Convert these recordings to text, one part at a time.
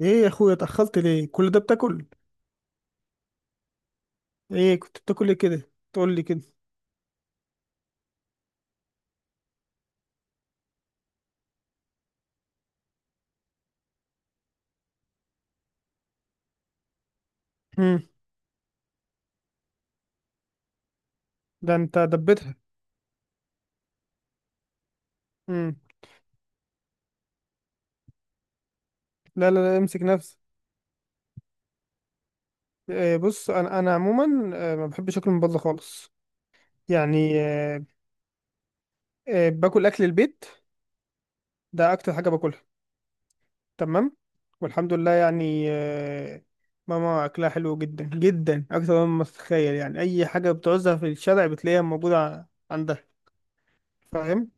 ايه يا اخويا، اتأخرت ليه كل ده بتاكل؟ ايه كنت بتاكل ايه كده؟ تقول لي كده. امم. ده انت دبتها. امم. لا لا لا، امسك نفسك. إيه، بص، انا عموما، ما بحبش اكل من بره خالص. يعني باكل اكل البيت، ده اكتر حاجه باكلها. تمام. والحمد لله يعني. ماما اكلها حلو جدا جدا، اكتر مما تتخيل. يعني اي حاجه بتعوزها في الشارع بتلاقيها موجوده عندها. فاهم.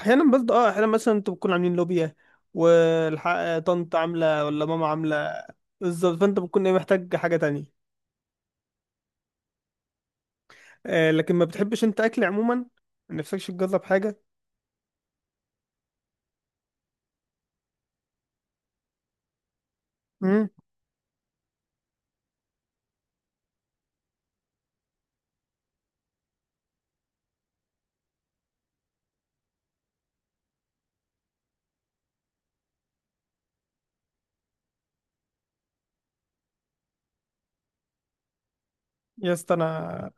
احيانا برضه اه، احيانا مثلا انتوا بتكونوا عاملين لوبيا والحق طنط عامله ولا ماما عامله؟ بالظبط، فانت بتكون ايه، محتاج حاجه تانية. آه، لكن ما بتحبش انت اكل عموما، ما نفسكش تجرب حاجه؟ امم. يا اسطى انا،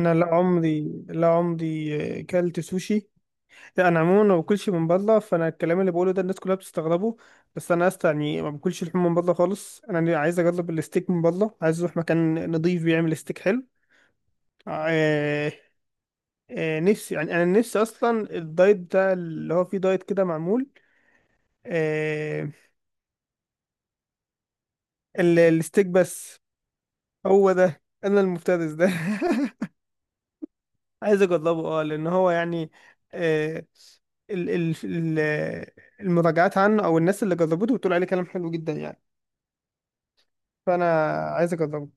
انا لا عمري. كلت سوشي. لا انا عموما ما باكلش من بره، فانا الكلام اللي بقوله ده الناس كلها بتستغربه. بس انا يا اسطى، يعني ما باكلش لحوم من بره خالص. انا عايز اجرب الستيك من بره، عايز اروح مكان نضيف بيعمل ستيك حلو. آه، نفسي يعني، انا نفسي اصلا الدايت ده اللي هو فيه دايت كده معمول. آه، الستيك بس. هو ده، انا المفترس ده. عايز اجربه، اه، لان هو يعني آه، ال ال ال المراجعات عنه او الناس اللي جربته بتقول عليه كلام حلو جدا يعني. فانا عايز اجربه.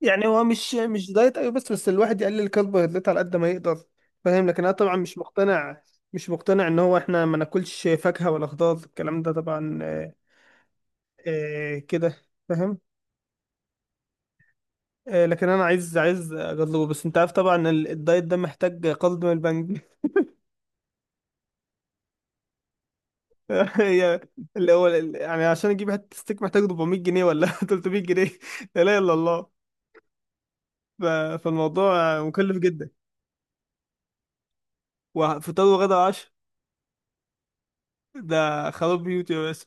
يعني هو مش دايت، ايوه، بس بس الواحد يقلل كربوهيدرات على قد ما يقدر. فاهم؟ لكن انا طبعا مش مقتنع، مش مقتنع ان هو احنا ما ناكلش فاكهة ولا خضار، الكلام ده طبعا آه كده. فاهم. آه، لكن انا عايز اجربه، بس انت عارف طبعا الدايت ده محتاج قرض من البنك. هي، اللي هو يعني عشان اجيب حته ستيك محتاج 400 جنيه ولا 300 جنيه. لا اله الا الله. ف- فالموضوع مكلف جدا، وفطار وغدا وعشاء، ده خراب بيوتي يا باشا.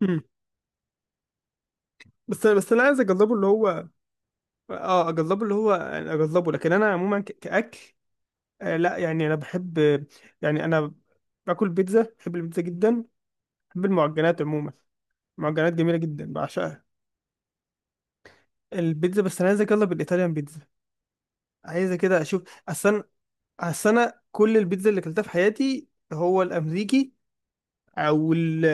مم. بس انا عايز اجربه اللي هو، اه اجربه اللي هو يعني اجربه، لكن انا عموما كاكل. آه لا يعني انا بحب، يعني انا باكل بيتزا، بحب البيتزا جدا، بحب المعجنات عموما. معجنات جميله جدا بعشقها. البيتزا بس انا عايزك يلا بالايطاليان بيتزا، عايزه كده اشوف. اصل انا اصل انا كل البيتزا اللي اكلتها في حياتي هو الامريكي او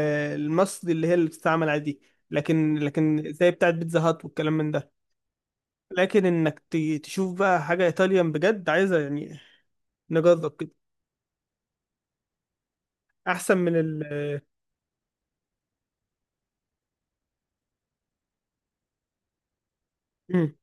المصري اللي هي اللي بتستعمل عادي. لكن زي بتاعت بيتزا هات والكلام من ده، لكن انك تشوف بقى حاجه ايطاليان بجد عايزه يعني، نجرب كده احسن من ال مم.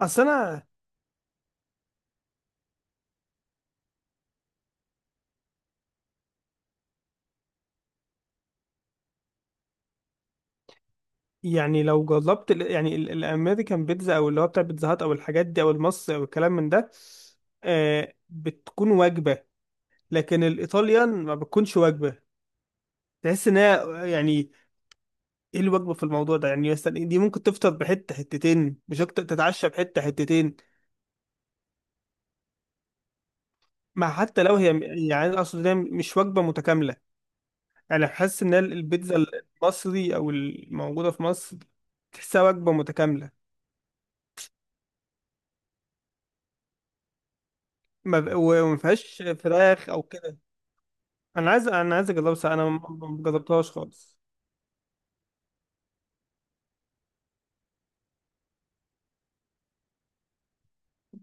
اصل انا يعني لو جربت يعني الامريكان بيتزا او اللي هو بتاع بيتزا هات او الحاجات دي او المصري او الكلام من ده، آه بتكون وجبه. لكن الايطاليان ما بتكونش وجبه، تحس ان هي يعني، ايه الوجبه في الموضوع ده؟ يعني مثلا دي ممكن تفطر بحته حتتين مش اكتر، تتعشى بحته حتتين، مع حتى لو هي يعني، أنا اقصد إن هي مش وجبه متكامله. يعني حاسس ان البيتزا المصري او الموجوده في مصر تحسها وجبه متكامله. ما ب- وما فيهاش فراخ او كده. انا عايز اجربها، بس انا ما جربتهاش خالص.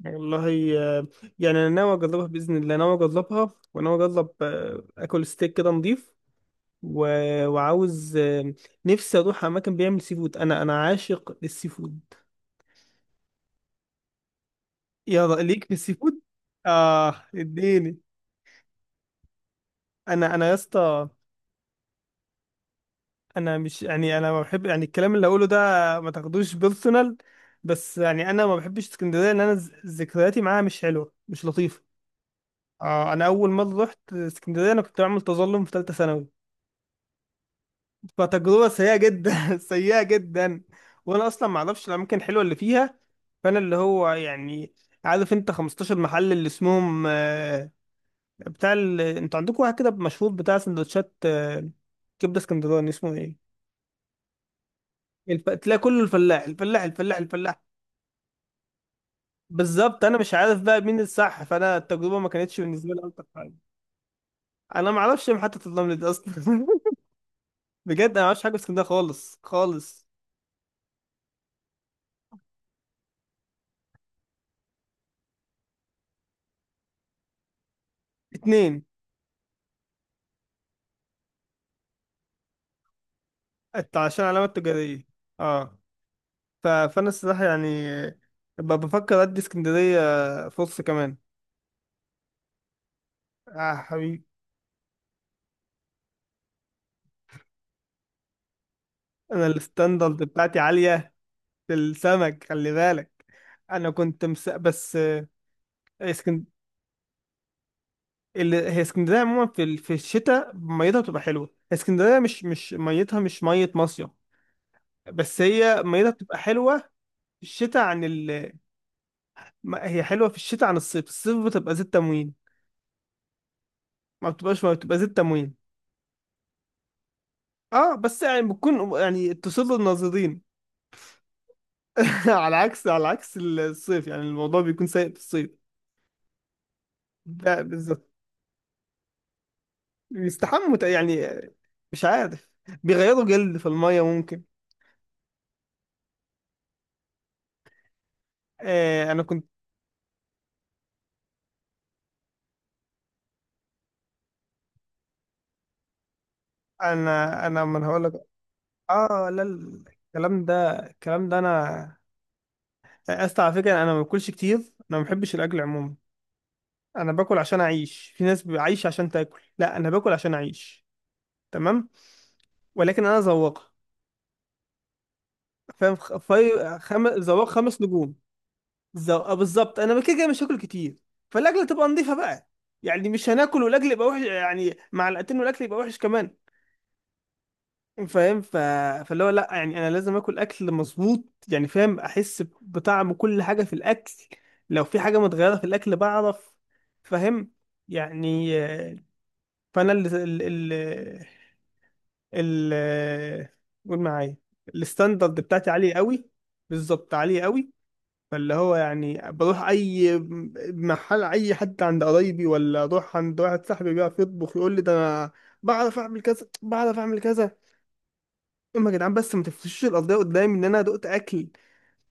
والله يعني انا ناوي اجربها باذن الله، ناوي اجربها وناوي اجرب اكل ستيك كده نضيف، و... وعاوز نفسي اروح اماكن بيعمل سي فود، انا عاشق للسي فود. ليك في السي فود، اه، اديني. انا يا اسطى، انا مش يعني، انا ما بحب يعني الكلام اللي هقوله ده، ما تاخدوش بيرسونال، بس يعني انا ما بحبش اسكندريه، ان انا ذكرياتي معاها مش حلوه، مش لطيفه. آه انا اول ما رحت اسكندريه انا كنت بعمل تظلم في ثالثه ثانوي، فتجربه سيئه جدا سيئه جدا. وانا اصلا ما اعرفش الاماكن الحلوه اللي فيها، فانا اللي هو يعني، عارف انت 15 محل اللي اسمهم انتوا عندكم واحد كده مشهور بتاع سندوتشات كبده اسكندراني، اسمه ايه؟ تلاقي كله الفلاح الفلاح الفلاح الفلاح. بالظبط، انا مش عارف بقى مين الصح، فانا التجربه ما كانتش بالنسبه لي الطف حاجه. انا ما اعرفش محطه الرمل دي اصلا. بجد انا ما اعرفش حاجه في اسكندريه خالص خالص. اتنين عشان علامات تجاريه، اه. فانا الصراحه يعني، ببقى بفكر ادي اسكندريه فرصه كمان. اه حبيبي. انا الستاندرد بتاعتي عاليه في السمك، خلي بالك. بس اسكند... هي اسكندريه عموما في في الشتاء ميتها بتبقى حلوه، اسكندريه مش ميتها، مش ميه مصيف، بس هي ميتها بتبقى حلوه في الشتاء عن هي حلوه في الشتاء عن الصيف، الصيف بتبقى زيت تموين، ما بتبقى زيت تموين. اه، بس يعني بتكون يعني تصل الناظرين. على عكس الصيف، يعني الموضوع بيكون سيء في الصيف. ده بالظبط. يعني مش عارف، بيغيروا جلد في المية ممكن. آه انا كنت انا من هقول لك، اه لا. الكلام ده انا، اسف على فكرة، انا ما باكلش كتير، انا ما بحبش الاكل عموما. انا باكل عشان اعيش، في ناس عايشة عشان تاكل، لا انا باكل عشان اعيش. تمام. ولكن انا ذواق، فاهم، خ- فريق خم... زوار خمس نجوم. آه بالظبط، انا كده كده مش هاكل كتير، فالاكله تبقى نظيفه بقى، يعني مش هناكل والاكل يبقى وحش، يعني معلقتين والاكل يبقى وحش كمان. فاهم؟ فاللي هو لا يعني انا لازم اكل اكل مظبوط، يعني فاهم، احس بطعم كل حاجه في الاكل، لو في حاجه متغيره في الاكل بعرف. فاهم، يعني فانا ال- قول معايا، الستاندرد بتاعتي عاليه قوي. بالظبط، عاليه قوي. فاللي هو يعني بروح اي محل، اي حد عند قرايبي ولا اروح عند واحد صاحبي بيعرف يطبخ، يقول لي ده انا بعرف اعمل كذا، بعرف اعمل كذا، اما يا جدعان، بس ما تفرشوش القضيه قدامي ان انا دقت اكل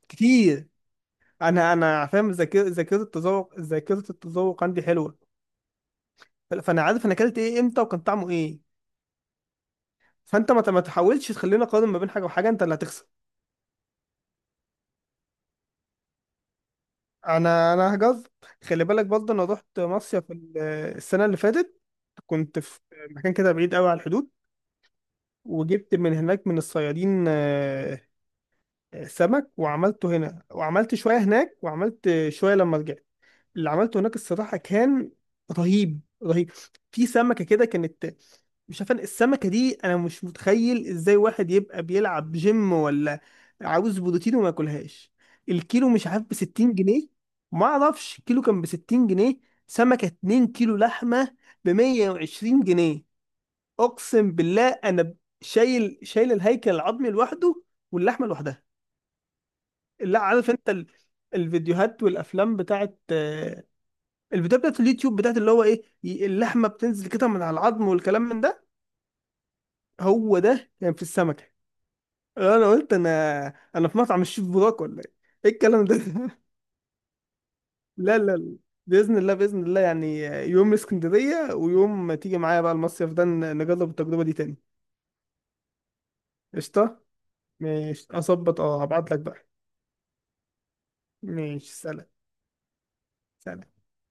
كتير. انا فاهم، ذاكره التذوق عندي حلوه. فانا عارف انا اكلت ايه امتى وكان طعمه ايه، فانت ما تحاولش تخليني اقارن ما بين حاجه وحاجه، انت اللي هتخسر. انا هجز، خلي بالك برضه، انا رحت مصيف السنه اللي فاتت، كنت في مكان كده بعيد قوي على الحدود، وجبت من هناك من الصيادين سمك، وعملته هنا، وعملت شوية هناك، وعملت شوية لما رجعت. اللي عملته هناك الصراحة كان رهيب رهيب. في سمكة كده كانت، مش عارف، السمكة دي أنا مش متخيل إزاي واحد يبقى بيلعب جيم ولا عاوز بروتين وما ياكلهاش. الكيلو مش عارف بستين جنيه، ما أعرفش، الكيلو كان بستين جنيه، سمكة اتنين كيلو لحمة بمية وعشرين جنيه. اقسم بالله، انا شايل الهيكل العظمي لوحده واللحمه لوحدها. لا، عارف انت الفيديوهات والافلام بتاعت الفيديوهات بتاعت اليوتيوب، بتاعت اللي هو ايه، اللحمه بتنزل كده من على العظم والكلام من ده؟ هو ده كان يعني في السمكه. انا قلت انا انا في مطعم الشيف بوراك ولا ايه؟ ايه الكلام ده؟ لا لا لا. باذن الله باذن الله يعني، يوم اسكندريه ويوم تيجي معايا بقى المصيف ده، نجرب التجربه دي تاني. قشطه. ماشي، اظبط، اه هبعت لك بقى. ماشي، سلام. سلام.